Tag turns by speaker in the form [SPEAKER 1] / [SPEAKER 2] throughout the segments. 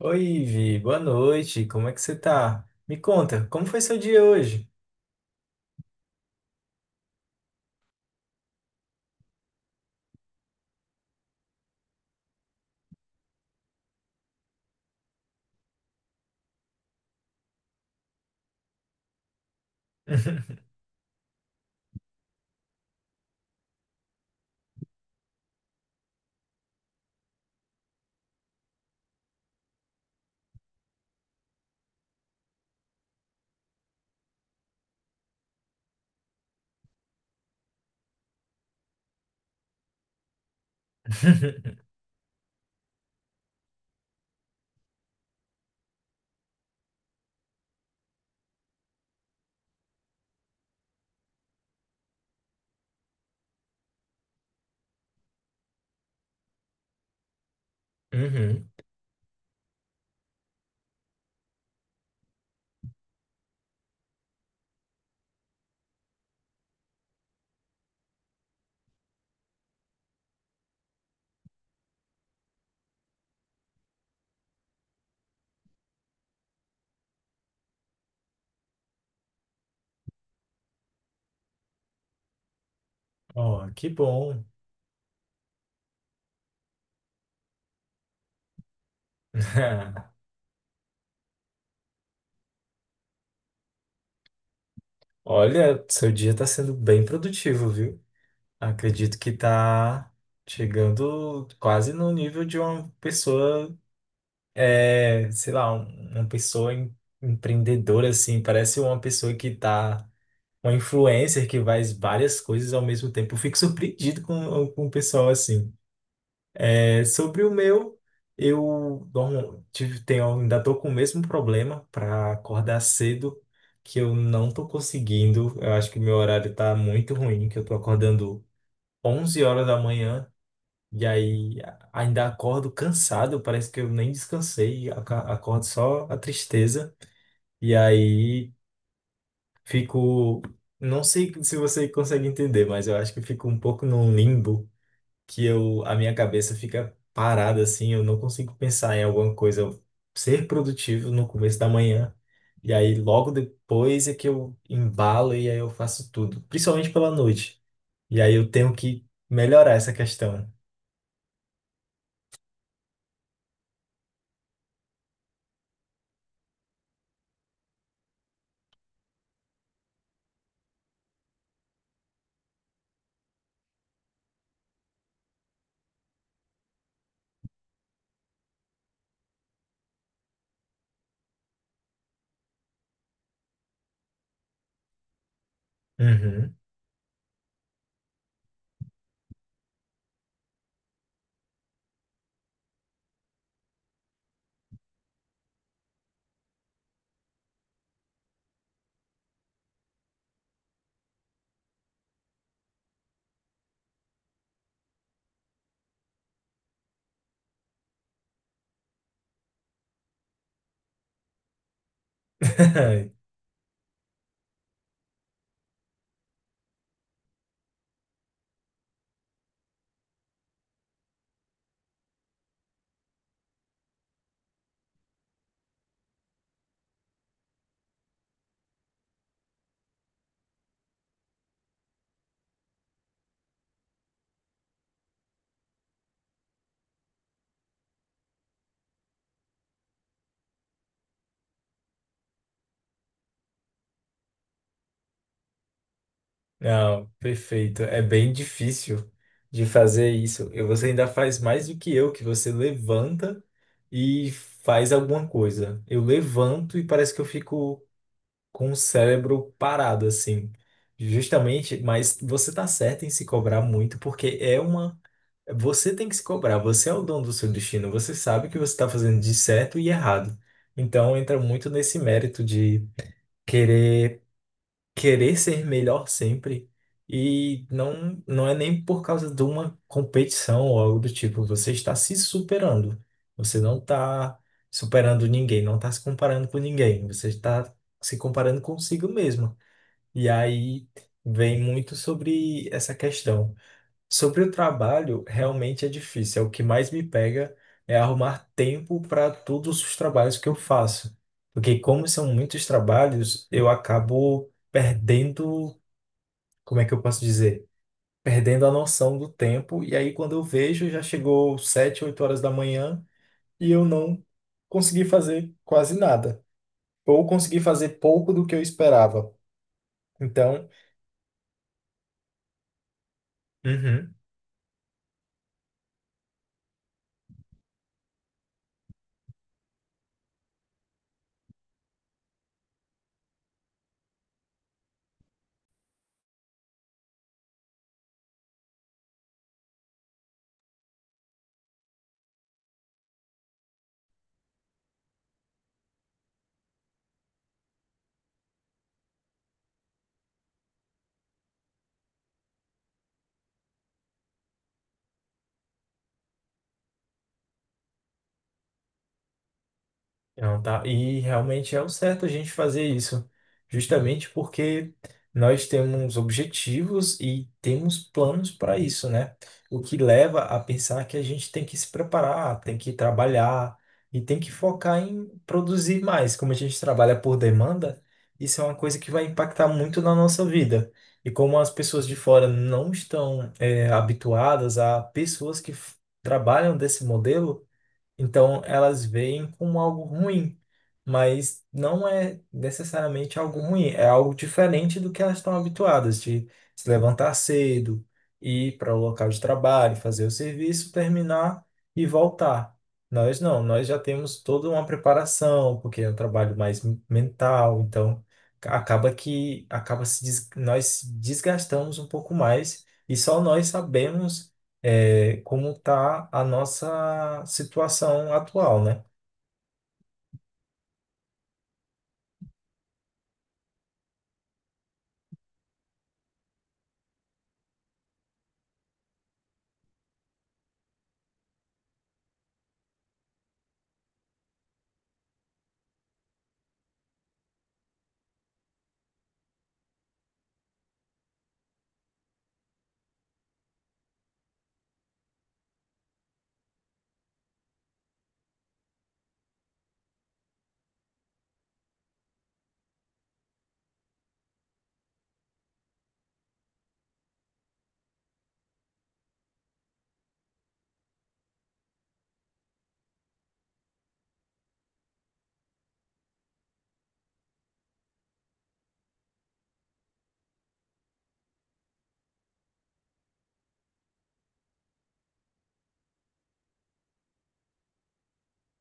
[SPEAKER 1] Oi, Vi, boa noite. Como é que você tá? Me conta, como foi seu dia hoje? Uhum. Oh, que bom. Olha, seu dia tá sendo bem produtivo, viu? Acredito que tá chegando quase no nível de uma pessoa, é, sei lá, uma pessoa empreendedora, assim. Parece uma pessoa que tá, uma influencer que faz várias coisas ao mesmo tempo. Eu fico surpreendido com o pessoal assim. É, sobre o meu, eu ainda estou com o mesmo problema para acordar cedo, que eu não estou conseguindo. Eu acho que meu horário está muito ruim, que eu estou acordando 11 horas da manhã e aí ainda acordo cansado, parece que eu nem descansei, acordo só a tristeza. E aí fico, não sei se você consegue entender, mas eu acho que fico um pouco num limbo que eu, a minha cabeça fica parada assim, eu não consigo pensar em alguma coisa, eu ser produtivo no começo da manhã, e aí logo depois é que eu embalo e aí eu faço tudo, principalmente pela noite. E aí eu tenho que melhorar essa questão. Uhum. Não, perfeito. É bem difícil de fazer isso. E você ainda faz mais do que eu, que você levanta e faz alguma coisa. Eu levanto e parece que eu fico com o cérebro parado, assim. Justamente, mas você tá certo em se cobrar muito, porque é uma. Você tem que se cobrar, você é o dono do seu destino, você sabe que você está fazendo de certo e errado. Então entra muito nesse mérito de querer querer ser melhor sempre. E não, não é nem por causa de uma competição ou algo do tipo. Você está se superando. Você não está superando ninguém, não está se comparando com ninguém. Você está se comparando consigo mesmo. E aí vem muito sobre essa questão. Sobre o trabalho, realmente é difícil. É o que mais me pega é arrumar tempo para todos os trabalhos que eu faço. Porque como são muitos trabalhos, eu acabo perdendo, como é que eu posso dizer? Perdendo a noção do tempo. E aí quando eu vejo, já chegou 7, 8 horas da manhã e eu não consegui fazer quase nada. Ou consegui fazer pouco do que eu esperava. Então, uhum. Não, tá. E realmente é o certo a gente fazer isso, justamente porque nós temos objetivos e temos planos para isso, né? O que leva a pensar que a gente tem que se preparar, tem que trabalhar e tem que focar em produzir mais. Como a gente trabalha por demanda, isso é uma coisa que vai impactar muito na nossa vida. E como as pessoas de fora não estão, habituadas a pessoas que trabalham desse modelo, então elas veem como algo ruim, mas não é necessariamente algo ruim, é algo diferente do que elas estão habituadas de se levantar cedo, ir para o local de trabalho, fazer o serviço, terminar e voltar. Nós não, nós já temos toda uma preparação, porque é um trabalho mais mental, então acaba que acaba se des- nós se desgastamos um pouco mais e só nós sabemos é, como está a nossa situação atual, né?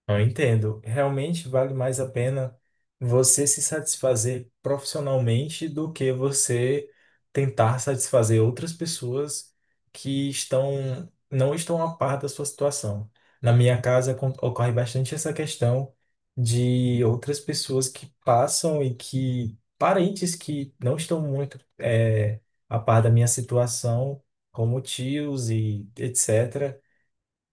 [SPEAKER 1] Eu entendo. Realmente vale mais a pena você se satisfazer profissionalmente do que você tentar satisfazer outras pessoas que estão não estão a par da sua situação. Na minha casa ocorre bastante essa questão de outras pessoas que passam e que parentes que não estão muito a par da minha situação, como tios e etc.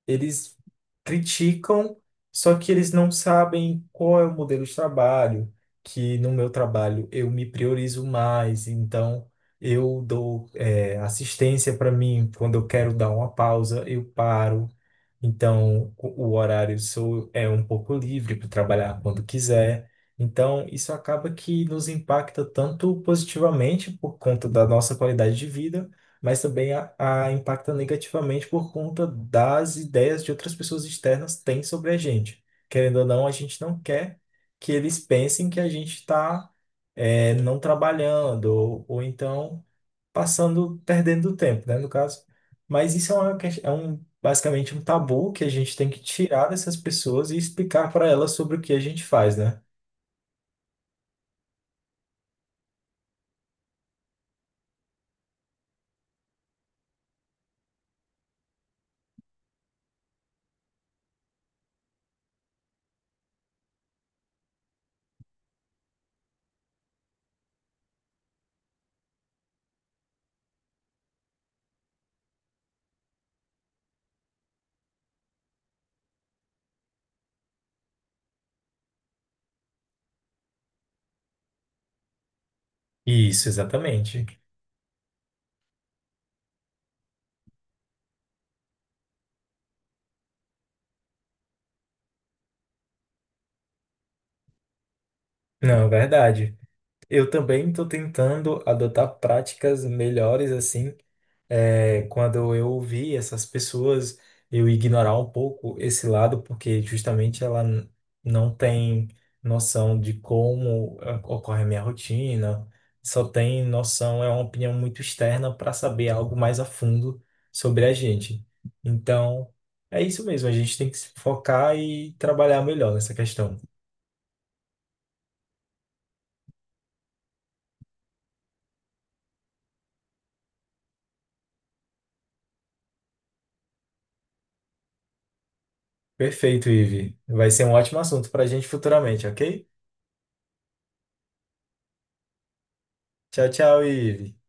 [SPEAKER 1] Eles criticam, só que eles não sabem qual é o modelo de trabalho, que no meu trabalho eu me priorizo mais, então eu dou, é, assistência para mim, quando eu quero dar uma pausa, eu paro. Então, o horário seu é um pouco livre para trabalhar quando quiser. Então, isso acaba que nos impacta tanto positivamente por conta da nossa qualidade de vida, mas também a impacta negativamente por conta das ideias de outras pessoas externas têm sobre a gente. Querendo ou não, a gente não quer que eles pensem que a gente está, não trabalhando, ou então passando, perdendo tempo, né, no caso. Mas isso é uma, ques- é um, basicamente um tabu que a gente tem que tirar dessas pessoas e explicar para elas sobre o que a gente faz, né? Isso, exatamente. Não, é verdade. Eu também estou tentando adotar práticas melhores, assim, é, quando eu ouvi essas pessoas, eu ignorar um pouco esse lado, porque justamente não tem noção de como ah, ocorre a minha rotina, só tem noção, é uma opinião muito externa para saber algo mais a fundo sobre a gente. Então, é isso mesmo, a gente tem que se focar e trabalhar melhor nessa questão. Perfeito, Ive. Vai ser um ótimo assunto para a gente futuramente, ok? Tchau, tchau, Ive.